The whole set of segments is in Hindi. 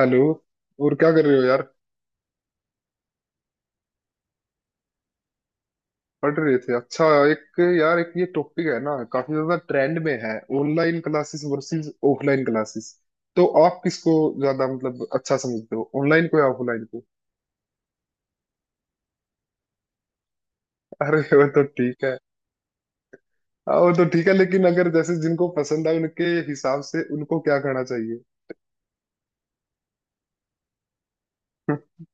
हेलो। और क्या कर रहे हो यार। पढ़ रहे थे, अच्छा। एक यार, एक ये टॉपिक है ना काफी ज्यादा ट्रेंड में है, online classes versus offline classes. तो आप किसको ज्यादा अच्छा समझते हो, ऑनलाइन को या ऑफलाइन को? अरे वो तो ठीक है। हाँ, वो तो ठीक है, लेकिन अगर जैसे जिनको पसंद है उनके हिसाब से उनको क्या करना चाहिए?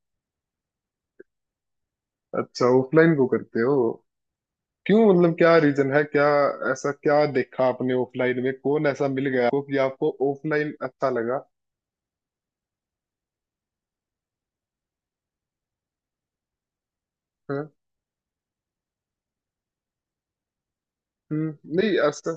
अच्छा, ऑफलाइन को करते हो? क्यों, क्या रीजन है क्या? ऐसा क्या देखा आपने ऑफलाइन में, कौन ऐसा मिल गया आपको कि आपको ऑफलाइन अच्छा लगा? हाँ? हम्म। नहीं ऐसा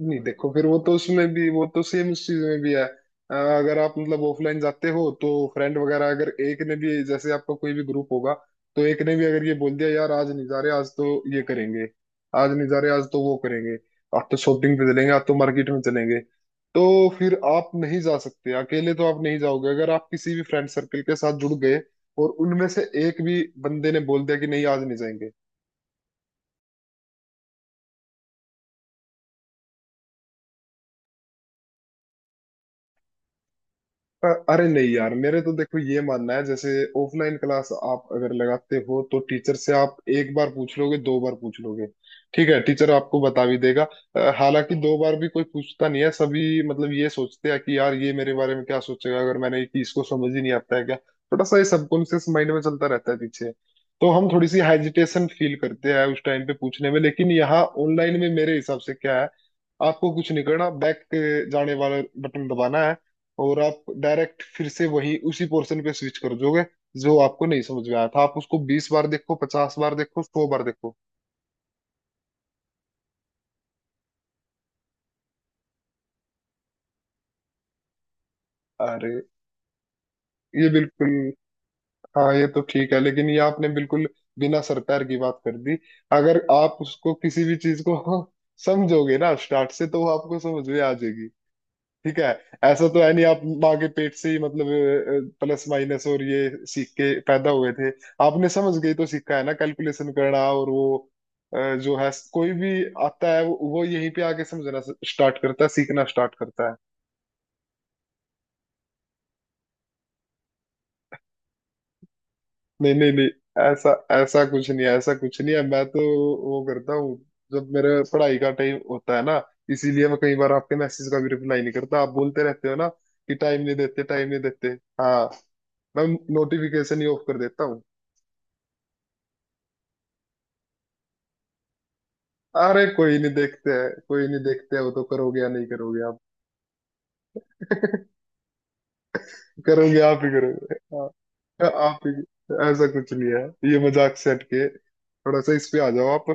नहीं, देखो, फिर वो तो उसमें भी, वो तो सेम उस चीज में भी है। अगर आप ऑफलाइन जाते हो तो फ्रेंड वगैरह, अगर एक ने भी, जैसे आपका कोई भी ग्रुप होगा, तो एक ने भी अगर ये बोल दिया यार आज नहीं जा रहे, आज तो ये करेंगे, आज नहीं जा रहे, आज तो वो करेंगे, आज तो शॉपिंग पे चलेंगे, आज तो मार्केट में चलेंगे, तो फिर आप नहीं जा सकते अकेले, तो आप नहीं जाओगे। अगर आप किसी भी फ्रेंड सर्कल के साथ जुड़ गए और उनमें से एक भी बंदे ने बोल दिया कि नहीं आज नहीं जाएंगे। अरे नहीं यार, मेरे तो देखो ये मानना है, जैसे ऑफलाइन क्लास आप अगर लगाते हो तो टीचर से आप एक बार पूछ लोगे, दो बार पूछ लोगे, ठीक है, टीचर आपको बता भी देगा। हालांकि दो बार भी कोई पूछता नहीं है, सभी ये सोचते हैं कि यार ये मेरे बारे में क्या सोचेगा अगर मैंने, कि इसको समझ ही नहीं आता है क्या, थोड़ा सा ये सबकॉन्शियस माइंड में चलता रहता है पीछे। तो हम थोड़ी सी हेजिटेशन फील करते हैं उस टाइम पे पूछने में। लेकिन यहाँ ऑनलाइन में मेरे हिसाब से क्या है, आपको कुछ नहीं करना, बैक जाने वाला बटन दबाना है और आप डायरेक्ट फिर से वही उसी पोर्शन पे स्विच कर दोगे। जो आपको नहीं समझ में आया था आप उसको बीस बार देखो, पचास बार देखो, सौ बार देखो। अरे ये बिल्कुल, हाँ ये तो ठीक है, लेकिन ये आपने बिल्कुल बिना सर पैर की बात कर दी। अगर आप उसको किसी भी चीज को समझोगे ना स्टार्ट से, तो वो आपको समझ में आ जाएगी। ठीक है, ऐसा तो है नहीं आप माँ के पेट से ही प्लस माइनस और ये सीख के पैदा हुए थे। आपने समझ गई तो सीखा है ना कैलकुलेशन करना, और जो है कोई भी आता है वो यहीं पे आके समझना स्टार्ट करता है, सीखना स्टार्ट करता है। नहीं नहीं नहीं ऐसा, कुछ नहीं है, ऐसा कुछ नहीं है। मैं तो वो करता हूँ जब मेरे पढ़ाई का टाइम होता है ना, इसीलिए मैं कई बार आपके मैसेज का भी रिप्लाई नहीं करता। आप बोलते रहते हो ना कि टाइम नहीं देते, टाइम नहीं देते। हाँ, मैं नोटिफिकेशन ही ऑफ कर देता हूँ। अरे कोई नहीं, देखते हैं, कोई नहीं, देखते हैं वो तो करोगे या नहीं करोगे आप। करोगे, आप ही करोगे। हाँ, आप ही। ऐसा कुछ नहीं है। ये मजाक से हटके थोड़ा सा इस पे आ जाओ आप,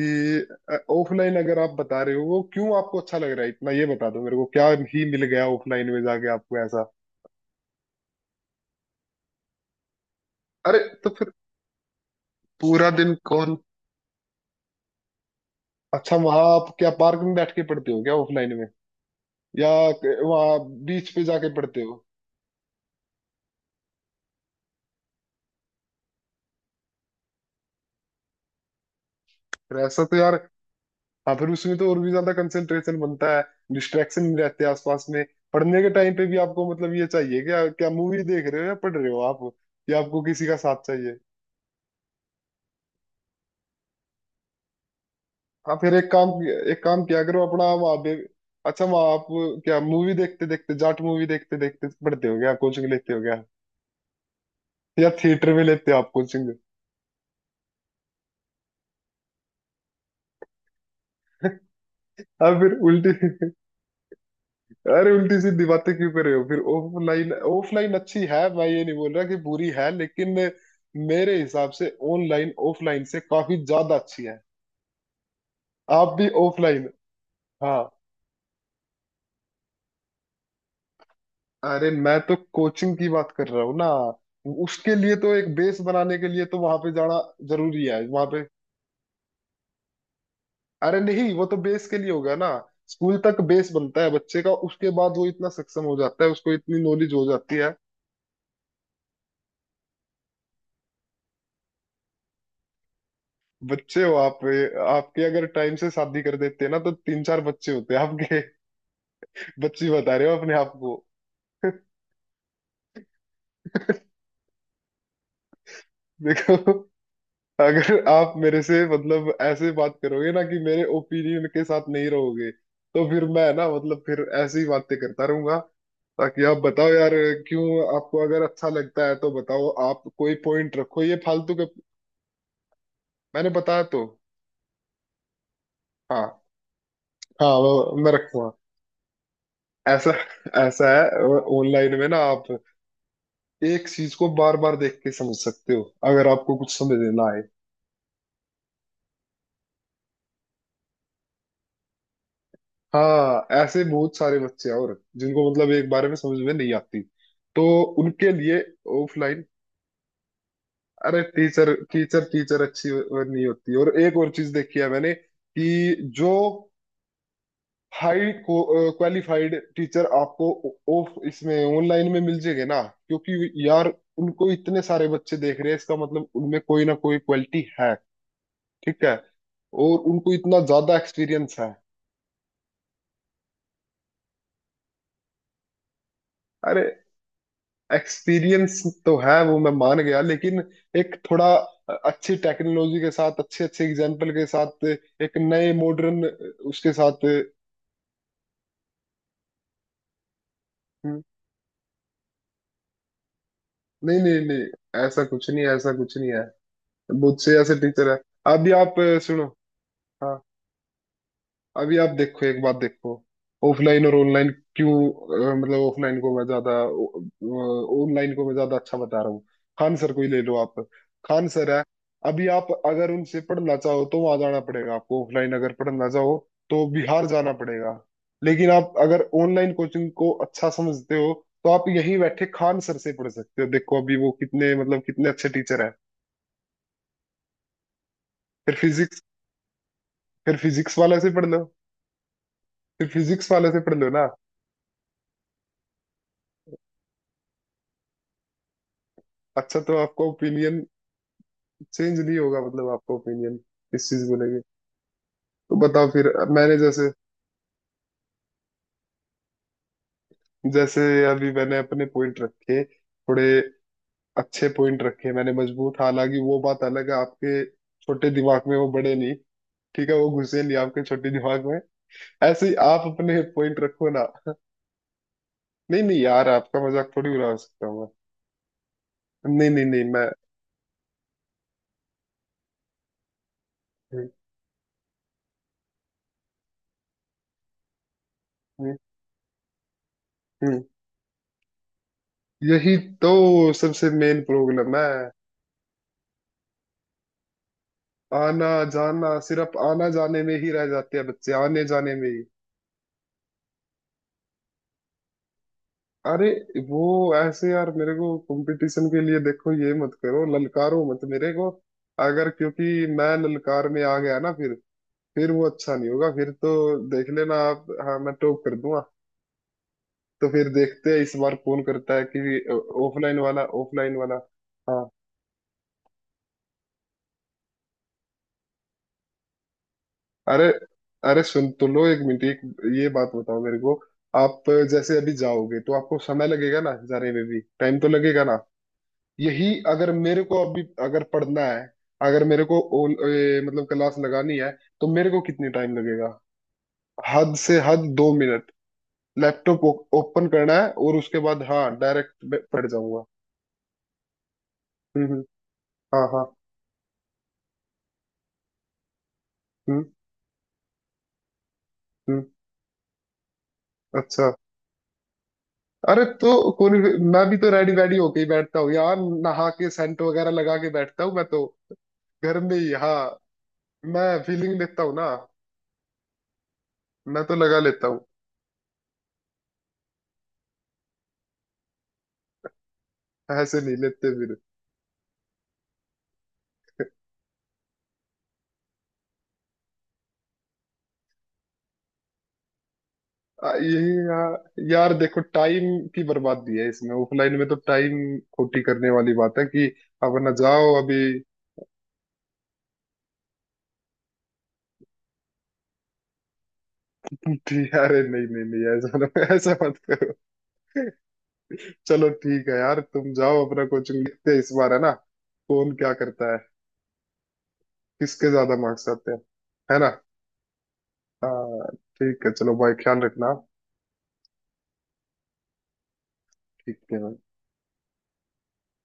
कि ऑफलाइन अगर आप बता रहे हो, वो क्यों आपको अच्छा लग रहा है इतना, ये बता दो मेरे को क्या ही मिल गया ऑफलाइन में जाके आपको ऐसा। अरे तो फिर पूरा दिन कौन? अच्छा, वहां आप क्या पार्क में बैठ के पढ़ते हो क्या ऑफलाइन में, या वहां बीच पे जाके पढ़ते हो? फिर ऐसा तो यार, हाँ फिर उसमें तो और भी ज्यादा कंसंट्रेशन बनता है, डिस्ट्रैक्शन नहीं रहते आसपास में। पढ़ने के टाइम पे भी आपको ये चाहिए क्या, क्या मूवी देख रहे हो या पढ़ रहे हो आप, या आपको किसी का साथ चाहिए? हाँ फिर एक काम, एक काम किया करो अपना वहाँ पे। अच्छा वहाँ आप क्या मूवी देखते देखते, जाट मूवी देखते देखते पढ़ते हो क्या कोचिंग लेते हो क्या, या थिएटर में लेते हो आप कोचिंग? हाँ फिर उल्टी, अरे उल्टी सीधी बातें क्यों कर रहे हो? फिर ऑफलाइन, ऑफलाइन अच्छी है, मैं ये नहीं बोल रहा कि बुरी है, लेकिन मेरे हिसाब से ऑनलाइन ऑफलाइन से काफी ज्यादा अच्छी है। आप भी ऑफलाइन। हाँ, अरे मैं तो कोचिंग की बात कर रहा हूँ ना, उसके लिए तो एक बेस बनाने के लिए तो वहां पे जाना जरूरी है वहां पे। अरे नहीं वो तो बेस के लिए होगा ना, स्कूल तक बेस बनता है बच्चे का, उसके बाद वो इतना सक्षम हो जाता है, उसको इतनी नॉलेज हो जाती है। बच्चे हो आप? आपके अगर टाइम से शादी कर देते ना तो तीन चार बच्चे होते आपके, बच्ची बता रहे हो अपने आप को। देखो, अगर आप मेरे से ऐसे बात करोगे ना कि मेरे ओपिनियन के साथ नहीं रहोगे, तो फिर मैं ना फिर ऐसी बातें करता रहूंगा, ताकि आप बताओ यार क्यों आपको अगर अच्छा लगता है तो बताओ, आप कोई पॉइंट रखो, ये फालतू के। मैंने बताया तो, हाँ, हाँ वो मैं रखूंगा। ऐसा ऐसा है ऑनलाइन में ना, आप एक चीज को बार बार देख के समझ सकते हो अगर आपको कुछ समझ ना आए। हाँ ऐसे बहुत सारे बच्चे हैं और जिनको एक बारे में समझ में नहीं आती, तो उनके लिए ऑफलाइन। अरे टीचर, टीचर अच्छी नहीं होती, और एक और चीज देखी है मैंने कि जो हाई क्वालिफाइड टीचर आपको ऑफ इसमें ऑनलाइन में मिल जाएंगे ना, क्योंकि यार उनको इतने सारे बच्चे देख रहे हैं, इसका मतलब उनमें कोई ना कोई क्वालिटी है, ठीक है, और उनको इतना ज्यादा एक्सपीरियंस है। अरे एक्सपीरियंस तो है, वो मैं मान गया, लेकिन एक थोड़ा अच्छी टेक्नोलॉजी के साथ, अच्छे अच्छे एग्जाम्पल के साथ, एक नए मॉडर्न उसके साथ। हम्म। नहीं नहीं नहीं ऐसा कुछ नहीं है, ऐसा कुछ नहीं है। बहुत से ऐसे टीचर है। अभी आप सुनो। हाँ। अभी आप देखो एक बात देखो, ऑफलाइन और ऑनलाइन। क्यों अ, मतलब ऑफलाइन को मैं ज्यादा ऑनलाइन को मैं ज्यादा अच्छा बता रहा हूँ। खान सर को ही ले लो आप, खान सर है, अभी आप अगर उनसे पढ़ना चाहो तो वहां जाना पड़ेगा आपको। ऑफलाइन अगर पढ़ना चाहो तो बिहार जाना पड़ेगा, लेकिन आप अगर ऑनलाइन कोचिंग को अच्छा समझते हो तो आप यहीं बैठे खान सर से पढ़ सकते हो। देखो अभी वो कितने कितने अच्छे टीचर है। फिर फिजिक्स, वाले से पढ़ लो। फिर फिजिक्स वाले से पढ़ लो ना। अच्छा, तो आपका ओपिनियन चेंज नहीं होगा, मतलब आपका ओपिनियन इस चीज को लेके। तो बताओ फिर, मैंने जैसे जैसे अभी मैंने अपने पॉइंट रखे, थोड़े अच्छे पॉइंट रखे मैंने, मजबूत। हालांकि वो बात अलग है आपके छोटे दिमाग में वो बड़े नहीं, ठीक है, वो घुसे नहीं आपके छोटे दिमाग में। ऐसे ही आप अपने पॉइंट रखो ना। नहीं नहीं यार, आपका मजाक थोड़ी उड़ा सकता हूँ। मैं नहीं नहीं नहीं मैं हम्म, हम्म, हम्म। यही तो सबसे मेन प्रॉब्लम है, आना जाना, सिर्फ आना जाने में ही रह जाते हैं बच्चे, आने जाने में ही। अरे वो ऐसे यार, मेरे को कंपटीशन के लिए देखो ये मत करो, ललकारो मत मेरे को, अगर क्योंकि मैं ललकार में आ गया ना फिर वो अच्छा नहीं होगा फिर तो, देख लेना आप, हाँ मैं टॉप कर दूंगा। तो फिर देखते हैं इस बार कौन करता है कि। ऑफलाइन वाला, ऑफलाइन वाला। हाँ। अरे, अरे सुन तो लो एक मिनट, एक ये बात बताओ मेरे को। आप जैसे अभी जाओगे तो आपको समय लगेगा ना, जाने में भी टाइम तो लगेगा ना। यही, अगर मेरे को अभी अगर पढ़ना है, अगर मेरे को ओल, ए, मतलब क्लास लगानी है तो मेरे को कितनी टाइम लगेगा? हद से हद दो मिनट, लैपटॉप ओपन करना है, और उसके बाद हाँ डायरेक्ट पढ़ जाऊंगा। हम्म, हाँ हाँ। हम्म। हम्म। अच्छा। अरे तो कौन, मैं भी तो रेडी वेडी होके ही बैठता हूँ यार, नहा के सेंट वगैरह लगा के बैठता हूँ मैं तो, घर में ही। हाँ मैं फीलिंग लेता हूँ ना, मैं तो लगा लेता हूँ, ऐसे नहीं लेते फिर। यही यार, यार देखो टाइम की बर्बादी है इसमें, ऑफलाइन में तो टाइम खोटी करने वाली बात है कि। अपना जाओ अभी। ठीक है, अरे नहीं नहीं नहीं ऐसा मत- ऐसा मत करो। चलो ठीक है यार, तुम जाओ अपना कोचिंग, लिखते हैं इस बार, है ना, कौन क्या करता है, किसके ज्यादा मार्क्स आते हैं, है ना। हाँ ठीक है, चलो भाई, ख्याल रखना। ठीक है।